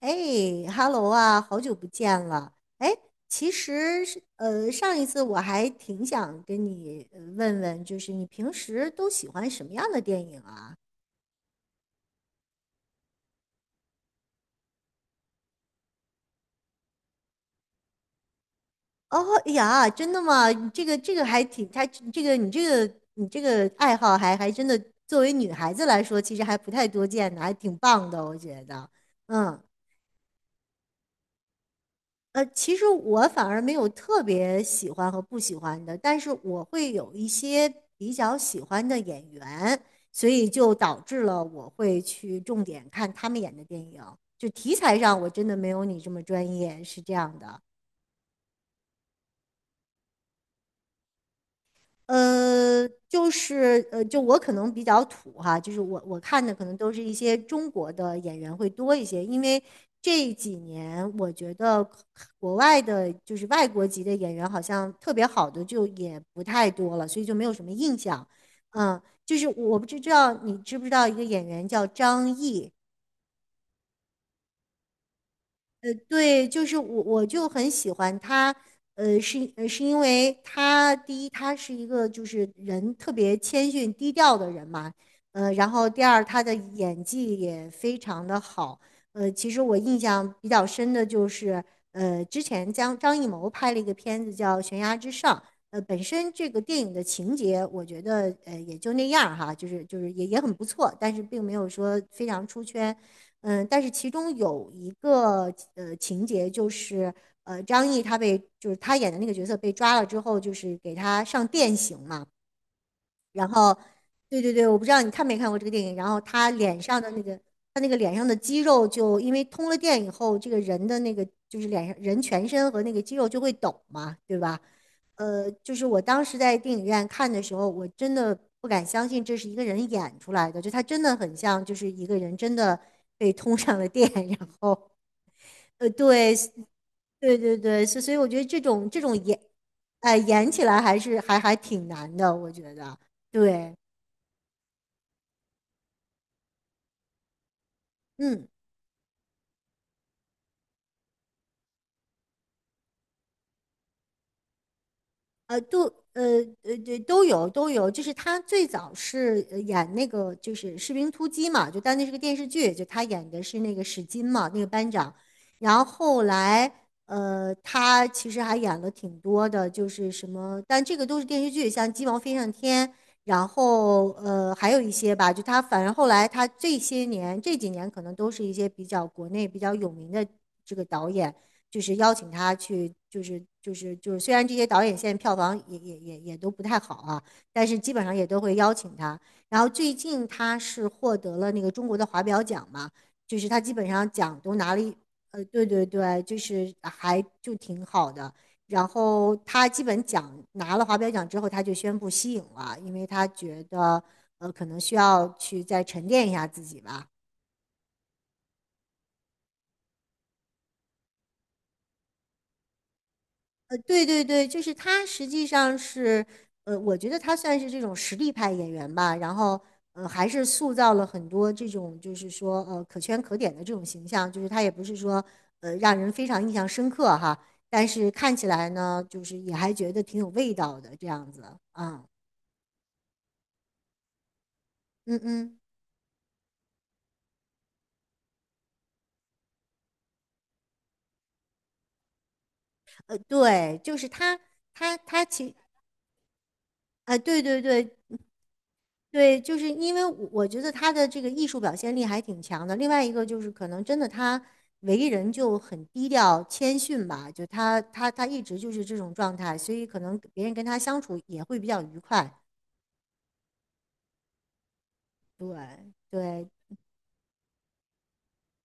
哎，Hello 啊，好久不见了。哎，其实是上一次我还挺想跟你问问，就是你平时都喜欢什么样的电影啊？哦，哎呀，真的吗？你这个还挺，还这个你这个你这个爱好还真的，作为女孩子来说，其实还不太多见的，还挺棒的，我觉得。嗯其实我反而没有特别喜欢和不喜欢的，但是我会有一些比较喜欢的演员，所以就导致了我会去重点看他们演的电影。就题材上，我真的没有你这么专业，是这样的。就是就我可能比较土哈，就是我看的可能都是一些中国的演员会多一些，因为这几年我觉得国外的，就是外国籍的演员好像特别好的就也不太多了，所以就没有什么印象。就是我不知道你知不知道一个演员叫张译。对，就是我就很喜欢他。是因为他第一，他是一个就是人特别谦逊低调的人嘛。然后第二，他的演技也非常的好。其实我印象比较深的就是，之前张艺谋拍了一个片子叫《悬崖之上》。本身这个电影的情节，我觉得也就那样儿哈，就是也很不错，但是并没有说非常出圈。但是其中有一个情节就是，张译他被就是他演的那个角色被抓了之后，就是给他上电刑嘛。然后，对对对，我不知道你看没看过这个电影。然后他脸上的那个，他那个脸上的肌肉就因为通了电以后，这个人的那个就是脸上人全身和那个肌肉就会抖嘛，对吧？就是我当时在电影院看的时候，我真的不敢相信这是一个人演出来的，就他真的很像，就是一个人真的被通上了电，然后对，对对对，所以我觉得这种演，哎、演起来还是还挺难的，我觉得，对。嗯，呃，都呃对都有都有，就是他最早是演那个就是《士兵突击》嘛，就当那是个电视剧，就他演的是那个史金嘛，那个班长。然后后来，他其实还演了挺多的，就是什么，但这个都是电视剧，像《鸡毛飞上天》，然后还有一些吧，就他反正后来他这些年这几年可能都是一些比较国内比较有名的这个导演。就是邀请他去，就是，虽然这些导演现在票房也都不太好啊，但是基本上也都会邀请他。然后最近他是获得了那个中国的华表奖嘛，就是他基本上奖都拿了一，对对对，就是还就挺好的。然后他基本奖拿了华表奖之后，他就宣布息影了，因为他觉得可能需要去再沉淀一下自己吧。对对对，就是他实际上是，我觉得他算是这种实力派演员吧，然后还是塑造了很多这种就是说可圈可点的这种形象，就是他也不是说让人非常印象深刻哈，但是看起来呢，就是也还觉得挺有味道的这样子啊。嗯嗯，对，就是他他他其啊、对对对。对，就是因为我觉得他的这个艺术表现力还挺强的。另外一个就是，可能真的他为人就很低调谦逊吧，就他一直就是这种状态，所以可能别人跟他相处也会比较愉快。对对，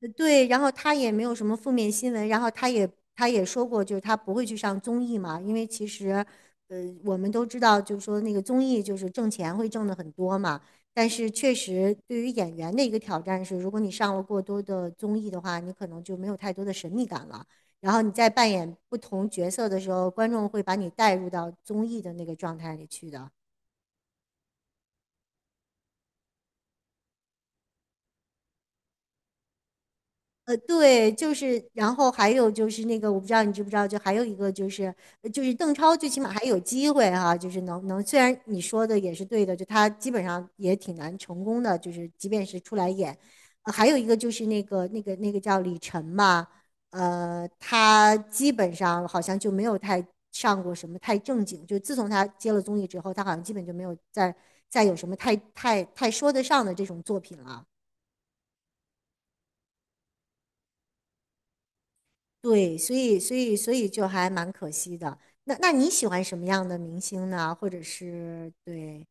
对，然后他也没有什么负面新闻，然后他也说过，就是他不会去上综艺嘛，因为其实，呃，我们都知道，就是说那个综艺就是挣钱会挣的很多嘛，但是确实对于演员的一个挑战是，如果你上了过多的综艺的话，你可能就没有太多的神秘感了，然后你在扮演不同角色的时候，观众会把你带入到综艺的那个状态里去的。对，就是，然后还有就是那个，我不知道你知不知道，就还有一个就是，就是邓超最起码还有机会哈、就是能，虽然你说的也是对的，就他基本上也挺难成功的，就是即便是出来演，还有一个就是那个叫李晨嘛。他基本上好像就没有太上过什么太正经，就自从他接了综艺之后，他好像基本就没有再有什么太说得上的这种作品了。对，所以就还蛮可惜的。那你喜欢什么样的明星呢？或者是对，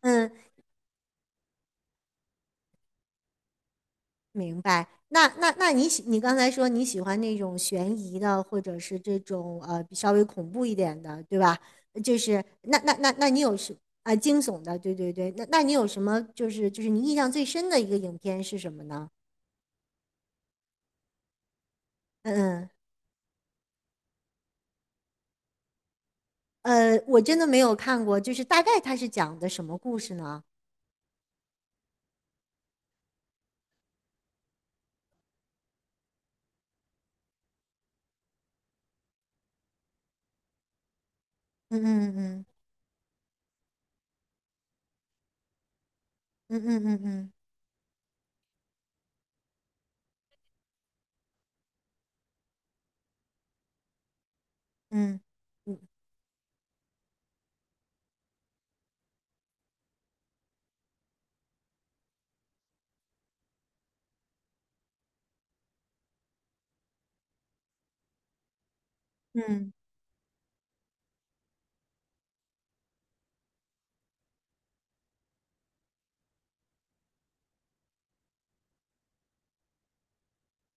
嗯，明白。那你刚才说你喜欢那种悬疑的，或者是这种比稍微恐怖一点的，对吧？就是那那那那你有什啊、惊悚的？对对对。那你有什么就是你印象最深的一个影片是什么呢？嗯嗯，我真的没有看过，就是大概它是讲的什么故事呢？嗯嗯嗯嗯嗯嗯嗯。嗯嗯嗯，嗯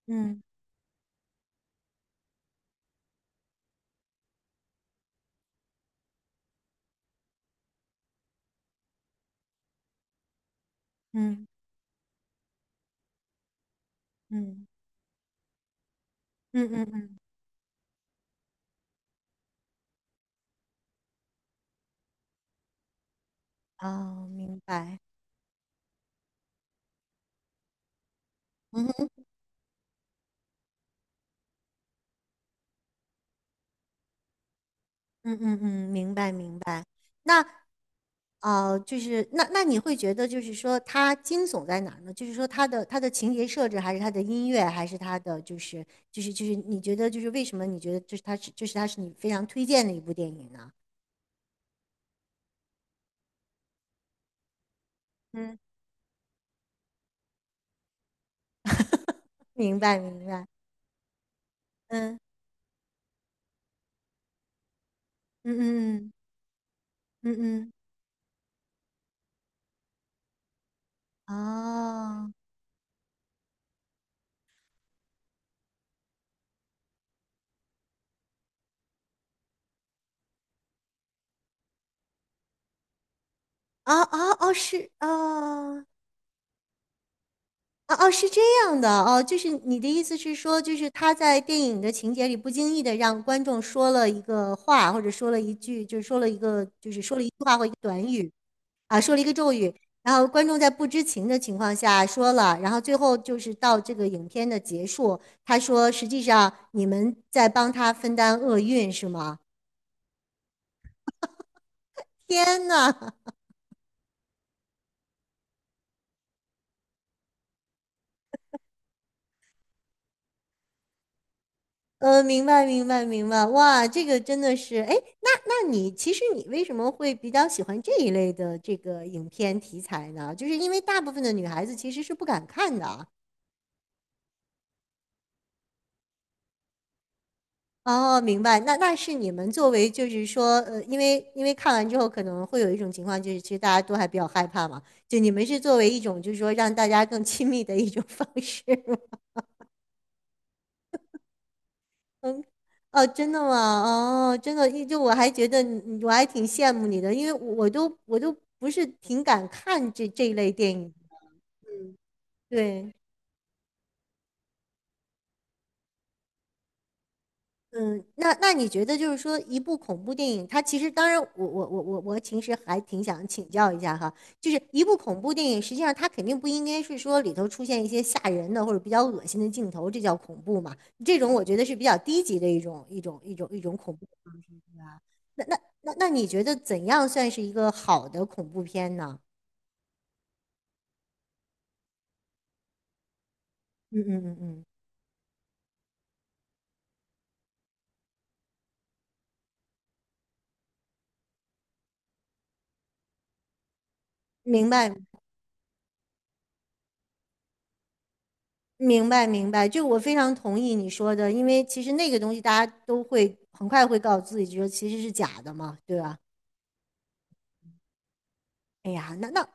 嗯嗯嗯嗯嗯嗯，哦，明白。嗯哼，嗯嗯嗯，明白明白。那就是那你会觉得，就是说它惊悚在哪儿呢？就是说它的情节设置，还是它的音乐，还是它的就是你觉得就是为什么你觉得就是它是你非常推荐的一部电影呢？嗯，明白明白。嗯嗯嗯嗯嗯嗯，哦哦哦哦，是哦。哦哦，是这样的哦，就是你的意思是说，就是他在电影的情节里不经意的让观众说了一个话，或者说了一句，就是说了一个，就是说了一句话或一个短语。啊，说了一个咒语，然后观众在不知情的情况下说了，然后最后就是到这个影片的结束，他说实际上你们在帮他分担厄运是吗？天呐！明白，明白，明白。哇，这个真的是，哎，那你其实你为什么会比较喜欢这一类的这个影片题材呢？就是因为大部分的女孩子其实是不敢看的啊。哦，明白。那是你们作为就是说，因为看完之后可能会有一种情况，就是其实大家都还比较害怕嘛。就你们是作为一种就是说让大家更亲密的一种方式。嗯，哦，真的吗？哦，真的，一就我还觉得你我还挺羡慕你的，因为我都不是挺敢看这一类电影。对，嗯，那你觉得就是说，一部恐怖电影，它其实当然我其实还挺想请教一下哈，就是一部恐怖电影，实际上它肯定不应该是说里头出现一些吓人的或者比较恶心的镜头，这叫恐怖嘛？这种我觉得是比较低级的一种恐怖的方式，对吧？那那那你觉得怎样算是一个好的恐怖片呢？嗯嗯嗯嗯，明白。明白，明白，就我非常同意你说的，因为其实那个东西大家都会很快会告诉自己，觉得其实是假的嘛，对吧？哎呀，那，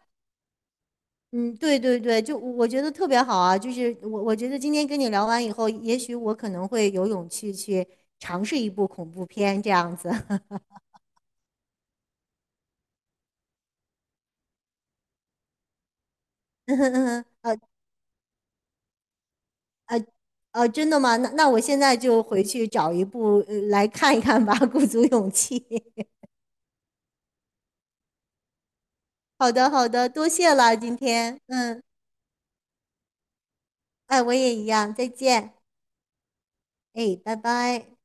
嗯，对对对，就我觉得特别好啊，就是我觉得今天跟你聊完以后，也许我可能会有勇气去尝试一部恐怖片这样子。嗯嗯嗯呃真的吗？那我现在就回去找一部来看一看吧，鼓足勇气。好的，好的，多谢了今天，嗯，哎，我也一样，再见。哎，拜拜。